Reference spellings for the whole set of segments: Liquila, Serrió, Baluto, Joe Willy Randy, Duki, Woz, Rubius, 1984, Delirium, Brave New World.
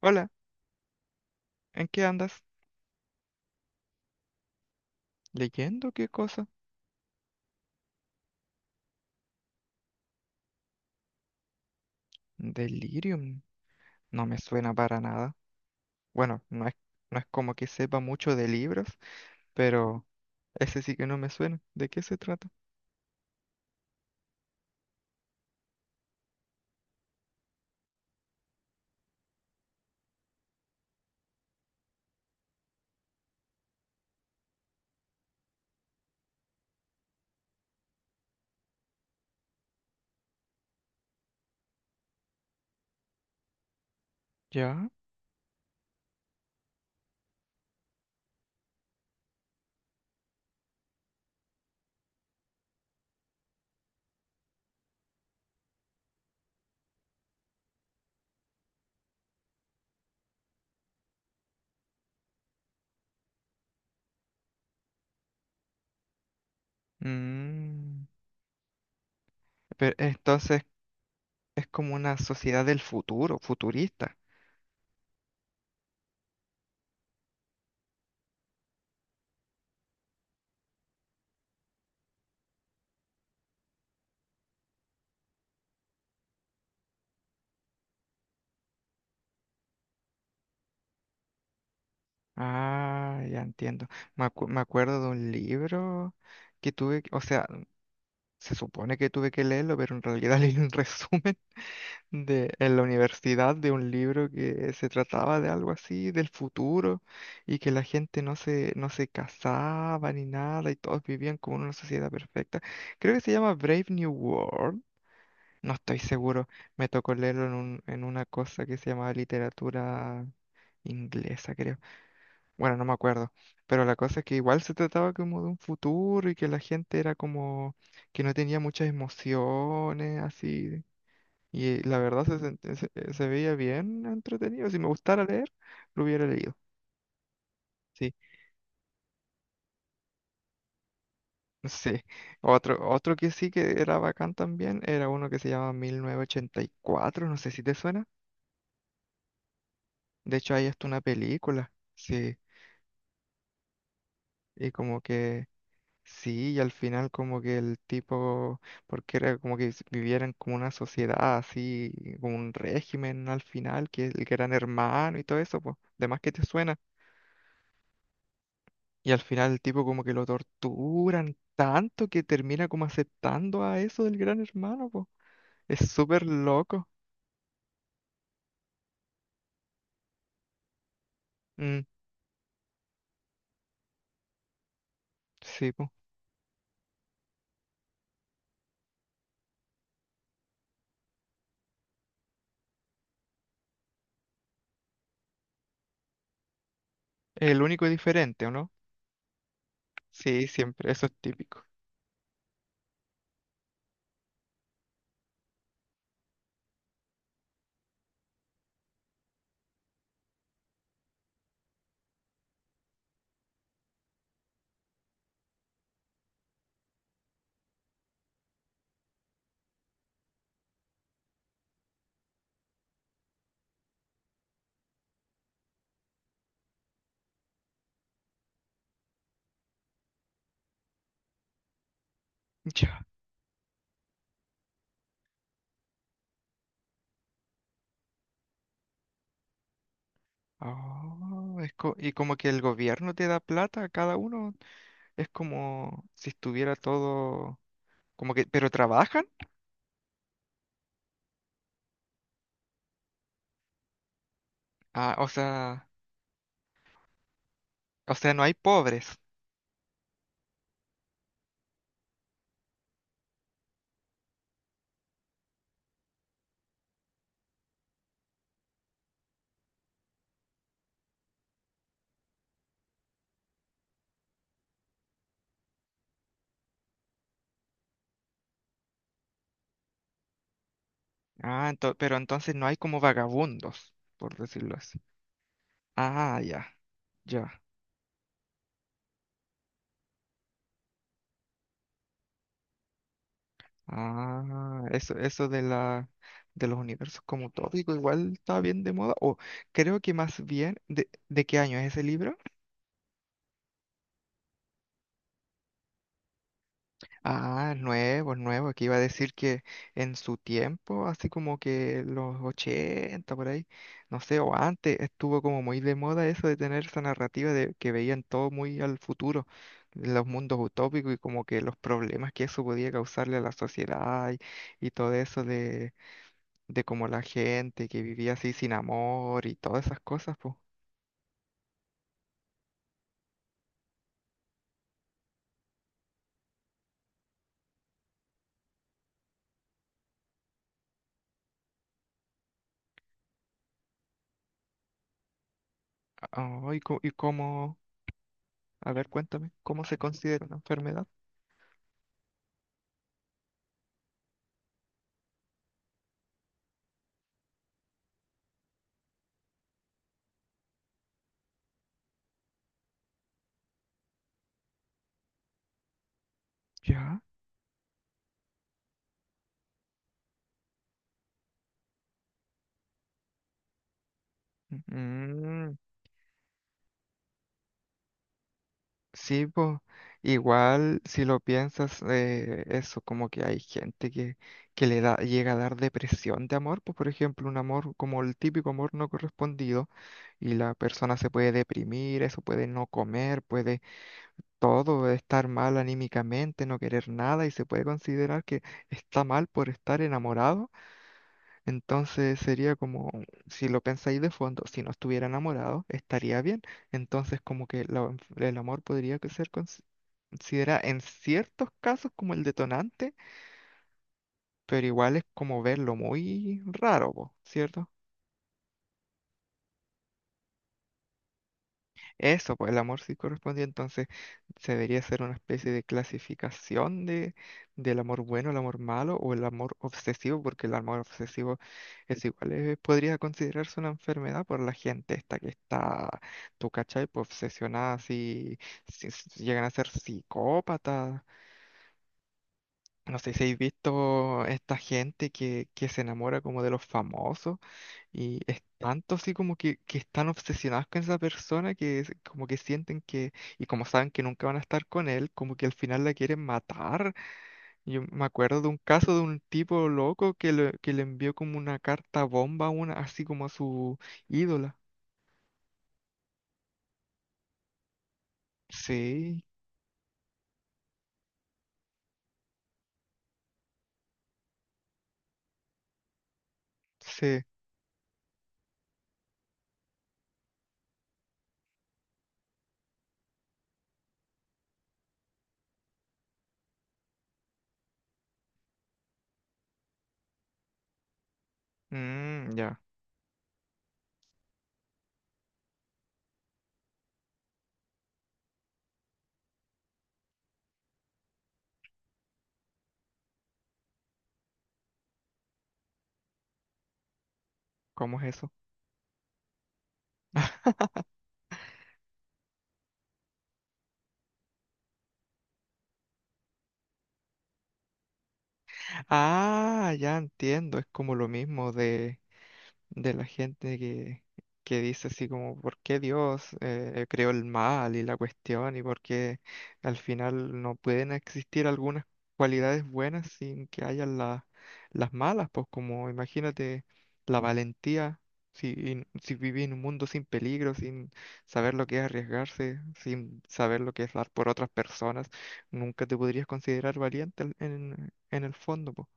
Hola, ¿en qué andas? ¿Leyendo qué cosa? Delirium. No me suena para nada. Bueno, no es como que sepa mucho de libros, pero ese sí que no me suena. ¿De qué se trata? ¿Ya? Mm. Pero entonces es como una sociedad del futuro, futurista. Ah, ya entiendo. Me acuerdo de un libro que tuve, o sea, se supone que tuve que leerlo, pero en realidad leí un resumen de, en la universidad de un libro que se trataba de algo así, del futuro, y que la gente no se casaba ni nada, y todos vivían como en una sociedad perfecta. Creo que se llama Brave New World. No estoy seguro. Me tocó leerlo en un, en una cosa que se llamaba literatura inglesa, creo. Bueno, no me acuerdo. Pero la cosa es que igual se trataba como de un futuro y que la gente era como que no tenía muchas emociones, así. Y la verdad se veía bien entretenido. Si me gustara leer, lo hubiera leído. Sí, sí. Otro que sí que era bacán también era uno que se llama 1984, no sé si te suena. De hecho, hay hasta una película. Sí, y como que sí, y al final como que el tipo, porque era como que vivieran como una sociedad así, como un régimen al final, que eran hermanos y todo eso, pues, de más que te suena. Y al final el tipo como que lo torturan tanto que termina como aceptando a eso del gran hermano, po. Es súper loco. Mm, sí, po. El único y diferente, ¿o no? Sí, siempre, eso es típico. Ya. Oh, y como que el gobierno te da plata a cada uno, es como si estuviera todo, como que, pero trabajan, ah, o sea, no hay pobres, ah, pero entonces no hay como vagabundos, por decirlo así. Ah, ya, ya. Ah, eso de los universos como tópico igual está bien de moda. O creo que más bien, ¿de qué año es ese libro? Ah, nuevo, nuevo, que iba a decir que en su tiempo, así como que los 80 por ahí, no sé, o antes, estuvo como muy de moda eso de tener esa narrativa de que veían todo muy al futuro, los mundos utópicos y como que los problemas que eso podía causarle a la sociedad y todo eso de cómo la gente que vivía así sin amor y todas esas cosas, pues. Ah, y cómo, a ver, cuéntame, ¿cómo se considera una enfermedad? ¿Ya? Mm, sí, pues, igual si lo piensas, eso como que hay gente que le da, llega a dar depresión de amor, pues por ejemplo, un amor como el típico amor no correspondido y la persona se puede deprimir, eso puede no comer, puede todo, estar mal anímicamente, no querer nada y se puede considerar que está mal por estar enamorado. Entonces sería como, si lo pensáis de fondo, si no estuviera enamorado, estaría bien. Entonces como que la- el amor podría que ser considerado en ciertos casos como el detonante, pero igual es como verlo muy raro, po, ¿cierto? Eso, pues el amor sí corresponde entonces se debería hacer una especie de clasificación de, del amor bueno, el amor malo o el amor obsesivo, porque el amor obsesivo es igual, podría considerarse una enfermedad por la gente esta que está, tú cachai, pues obsesionada, así, si, si llegan a ser psicópatas. No sé si habéis visto esta gente que se enamora como de los famosos y es tanto así como que están obsesionados con esa persona que es como que sienten que, y como saben que nunca van a estar con él, como que al final la quieren matar. Yo me acuerdo de un caso de un tipo loco que le envió como una carta bomba, a una, así como a su ídola. Sí, sí. Mm, ya, ¿cómo es eso? Ah, ya entiendo, es como lo mismo de la gente que dice así como, ¿por qué Dios creó el mal y la cuestión? ¿Y por qué al final no pueden existir algunas cualidades buenas sin que haya la- las malas? Pues como imagínate la valentía, si, si viví en un mundo sin peligro, sin saber lo que es arriesgarse, sin saber lo que es dar por otras personas, nunca te podrías considerar valiente en el fondo, pues.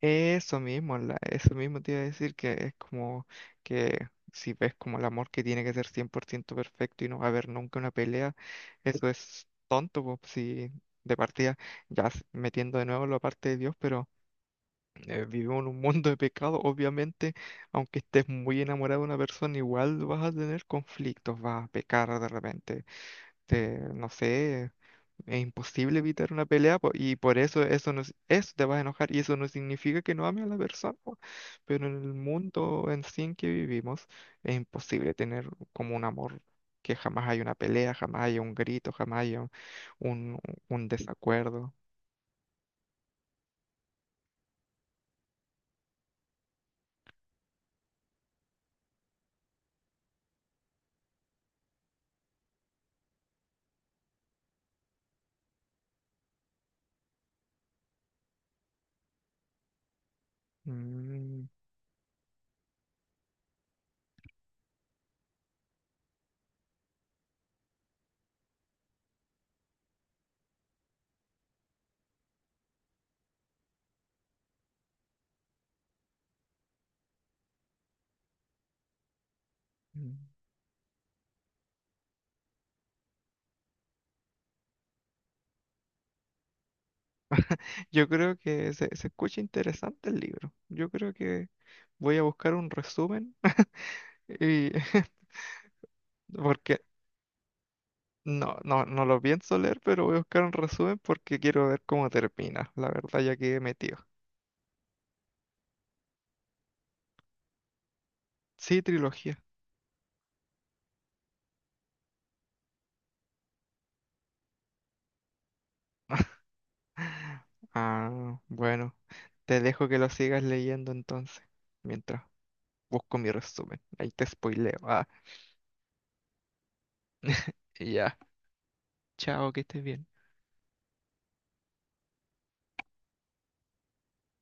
Eso mismo, la- eso mismo te iba a decir que es como que si ves como el amor que tiene que ser 100% perfecto y no va a haber nunca una pelea, eso es tonto, po, si de partida, ya s- metiendo de nuevo la parte de Dios, pero vivimos en un mundo de pecado, obviamente, aunque estés muy enamorado de una persona, igual vas a tener conflictos, vas a pecar de repente, te- no sé, es imposible evitar una pelea po, y por eso eso no, eso te vas a enojar y eso no significa que no ame a la persona, po. Pero en el mundo en sí en que vivimos es imposible tener como un amor que jamás hay una pelea, jamás hay un grito, jamás hay un, un- un desacuerdo. Mm, mm. Yo creo que se escucha interesante el libro. Yo creo que voy a buscar un resumen y porque no, no, no lo pienso leer, pero voy a buscar un resumen porque quiero ver cómo termina. La verdad, ya quedé metido. Sí, trilogía. Ah, bueno, te dejo que lo sigas leyendo entonces, mientras busco mi resumen. Ahí te spoileo. Ah, ya. Chao, que estés bien.